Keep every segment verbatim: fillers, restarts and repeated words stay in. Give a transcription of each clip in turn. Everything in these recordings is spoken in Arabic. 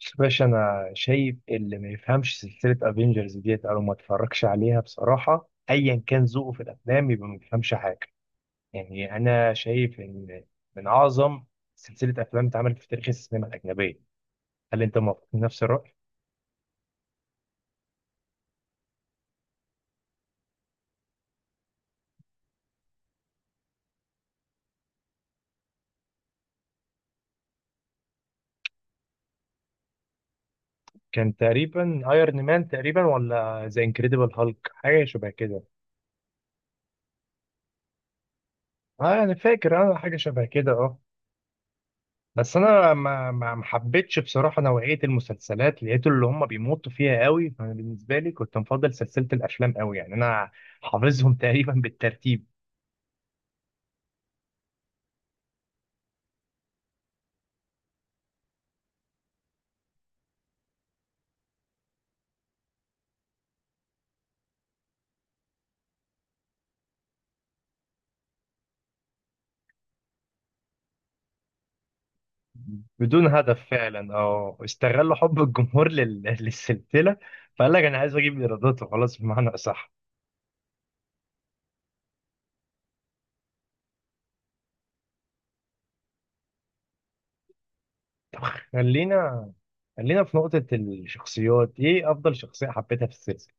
بس باشا، انا شايف اللي ما يفهمش سلسله افنجرز ديت او ما اتفرجش عليها بصراحه، ايا كان ذوقه في الافلام يبقى ما بيفهمش حاجه. يعني انا شايف ان من اعظم سلسله افلام اتعملت في تاريخ السينما الاجنبيه. هل انت موافق نفس الراي؟ كان تقريبا ايرون مان، تقريبا، ولا ذا انكريدبل هالك، حاجه شبه كده. اه، انا فاكر، اه حاجه شبه كده، اه. بس انا ما ما ما حبيتش بصراحه نوعيه المسلسلات، لقيت اللي هم بيمطوا فيها قوي، فانا بالنسبه لي كنت مفضل سلسله الافلام قوي. يعني انا حافظهم تقريبا بالترتيب. بدون هدف فعلا، اه استغلوا حب الجمهور لل... للسلسله. فقال لك انا عايز اجيب ايرادات وخلاص، بمعنى اصح. خلينا خلينا في نقطه الشخصيات، ايه افضل شخصيه حبيتها في السلسله؟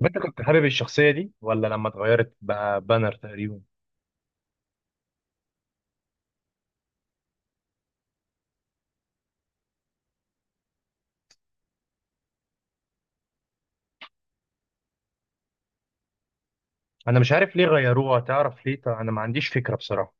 طب انت كنت حابب الشخصيه دي ولا لما اتغيرت بقى بانر تقريبا؟ انا مش عارف ليه غيروها، تعرف ليه؟ طب انا ما عنديش فكره بصراحه.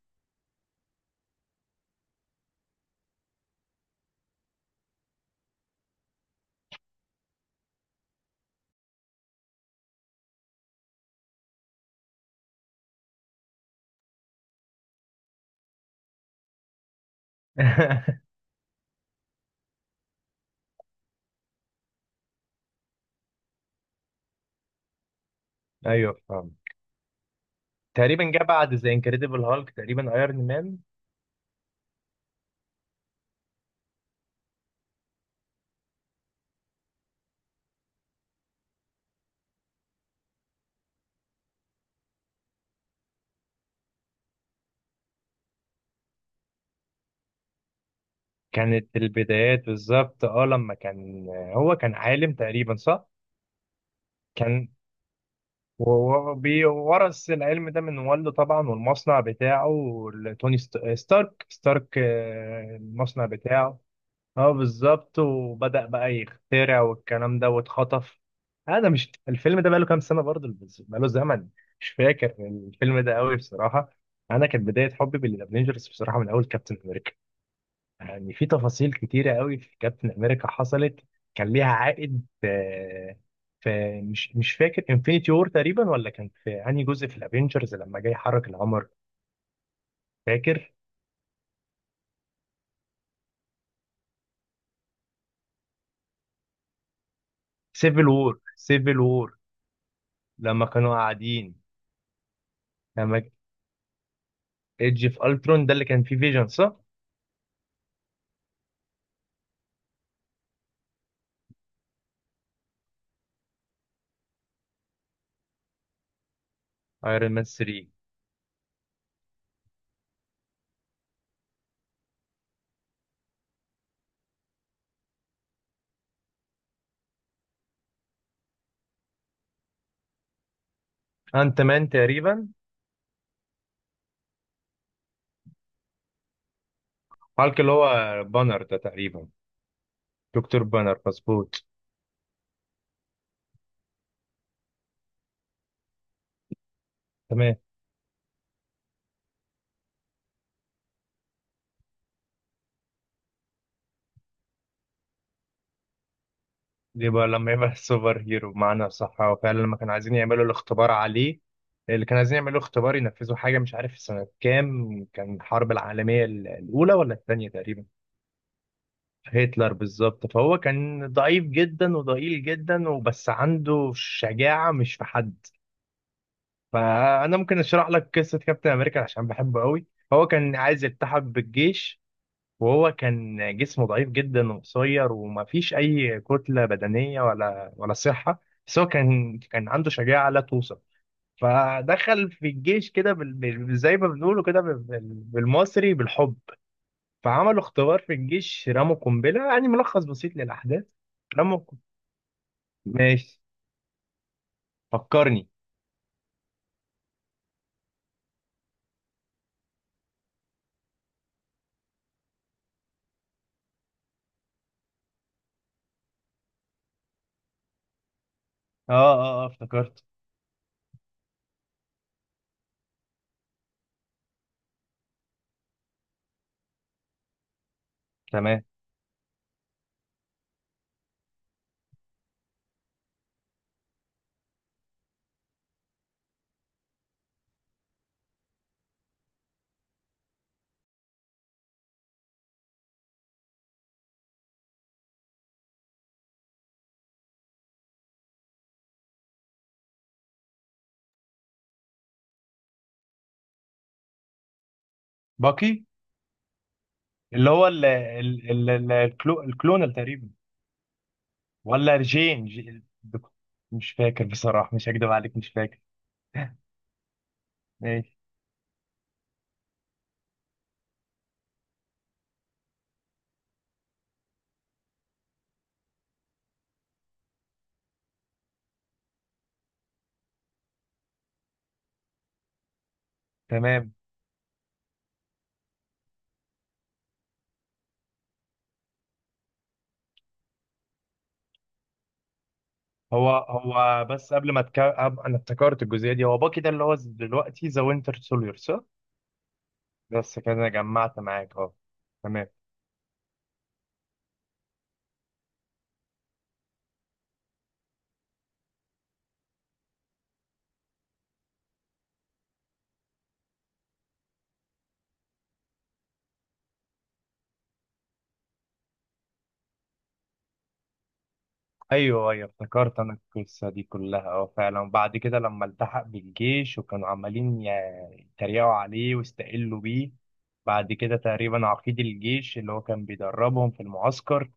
ايوه، فاهم. تقريبا جه بعد ذا انكريدبل هالك، تقريبا ايرون مان. كانت البدايات بالظبط، اه لما كان، هو كان عالم تقريبا، صح؟ كان وورث العلم ده من والده طبعا، والمصنع بتاعه، لتوني ست- ستارك ستارك، آه، المصنع بتاعه. اه، بالظبط، وبدأ بقى يخترع والكلام ده، واتخطف. انا مش، الفيلم ده بقاله كام سنة برضه، بس بقاله زمن. مش فاكر. الفيلم ده قوي بصراحة. انا كانت بداية حبي بالافنجرز بصراحة من اول كابتن امريكا. يعني في تفاصيل كتيرة قوي في كابتن امريكا حصلت. كان ليها عائد آه، في مش مش فاكر انفينيتي وور تقريبا، ولا كان في انهي جزء في الافنجرز لما جاي يحرك القمر. فاكر، سيفل وور سيفل وور، لما كانوا قاعدين. لما ايدج في الترون، ده اللي كان فيه فيجن صح؟ ايرون مان تلاتة. انت مان تقريبا. هالك اللي هو بانر ده تقريبا. دكتور بانر، مظبوط. تمام. دي بقى لما يبقى سوبر هيرو، بمعنى صح هو فعلا لما كانوا عايزين يعملوا الاختبار عليه، اللي كانوا عايزين يعملوا اختبار، ينفذوا حاجه، مش عارف في سنه كام، كان الحرب العالميه ال- الاولى ولا الثانيه تقريبا. هتلر، بالظبط. فهو كان ضعيف جدا وضئيل جدا، وبس عنده شجاعه مش في حد. فانا ممكن اشرح لك قصه كابتن امريكا عشان بحبه قوي. هو كان عايز يلتحق بالجيش، وهو كان جسمه ضعيف جدا وقصير، وما فيش اي كتله بدنيه ولا ولا صحه. بس هو كان كان عنده شجاعه لا توصف. فدخل في الجيش كده بال... بال- زي ما بنقوله كده بال... بال- بالمصري، بالحب. فعملوا اختبار في الجيش، رموا قنبله، يعني ملخص بسيط للاحداث. رموا ق- ماشي، فكرني. اه اه اه، افتكرت. تمام. باقي، اللي هو ال ال ال ال- الكلو الكلونال تقريبا، ولا جين جي- مش فاكر بصراحة، مش هكدب عليك، مش فاكر. ماشي. تمام. هو هو بس قبل ما تك... أب- انا افتكرت الجزئية دي. هو باكي ده اللي هو دلوقتي ذا وينتر سوليور، صح؟ بس كده أنا جمعت معاك، اه، تمام. ايوه ايوه، افتكرت انا القصه دي كلها اه فعلا. وبعد كده لما التحق بالجيش، وكانوا عمالين ي- يتريقوا عليه واستقلوا بيه. بعد كده تقريبا عقيد الجيش اللي هو كان بيدربهم في المعسكر،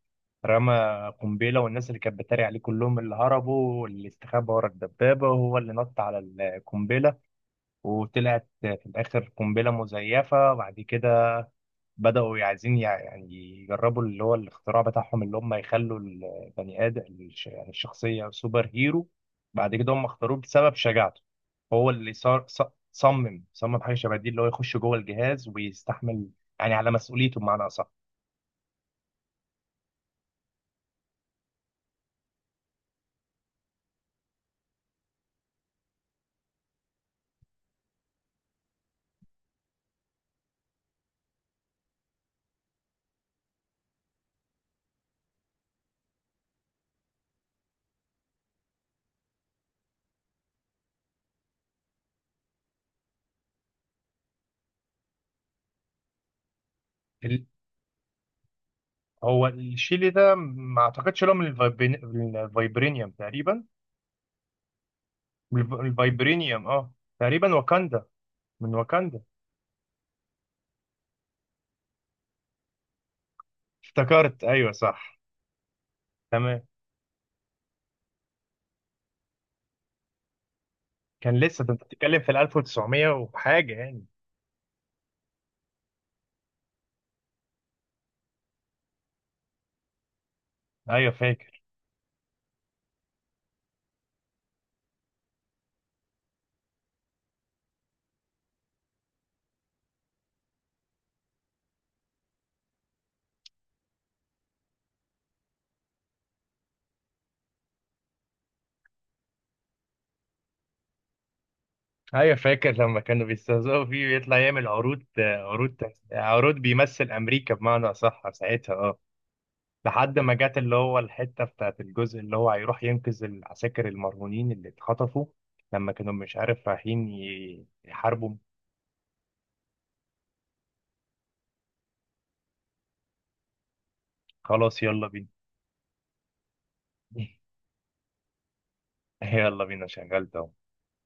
رمى قنبله، والناس اللي كانت بتتريق عليه كلهم، اللي هربوا واللي استخبى ورا الدبابه، وهو اللي نط على القنبله. وطلعت في الاخر قنبله مزيفه. بعد كده بدأوا عايزين يع- يعني يجربوا اللي هو الاختراع بتاعهم، اللي هم يخلوا البني آدم الش- يعني الشخصية سوبر هيرو. بعد كده هم اختاروه بسبب شجاعته، هو اللي صار ص- صمم صمم حاجة شبه دي، اللي هو يخش جوه الجهاز ويستحمل، يعني على مسؤوليته بمعنى أصح. ال- هو الشيلي ده، ما اعتقدش لهم الفايبرينيوم تقريبا. الف- الفايبرينيوم، اه، تقريبا واكاندا، من واكاندا. افتكرت، ايوه، صح. تمام. كان لسه ده، انت بتتكلم في ال ألف وتسعمية وحاجه يعني. ايوه فاكر، ايوه فاكر لما كانوا بيستهزئوا فيه، ويطلع يعمل عروض عروض عروض، بيمثل امريكا بمعنى اصح ساعتها، اه. لحد ما جت اللي هو الحته بتاعت الجزء اللي هو هيروح ينقذ العساكر المرهونين اللي اتخطفوا، لما كانوا مش عارف رايحين ي- يحاربوا. خلاص، يلا بينا. يلا بينا شغلت.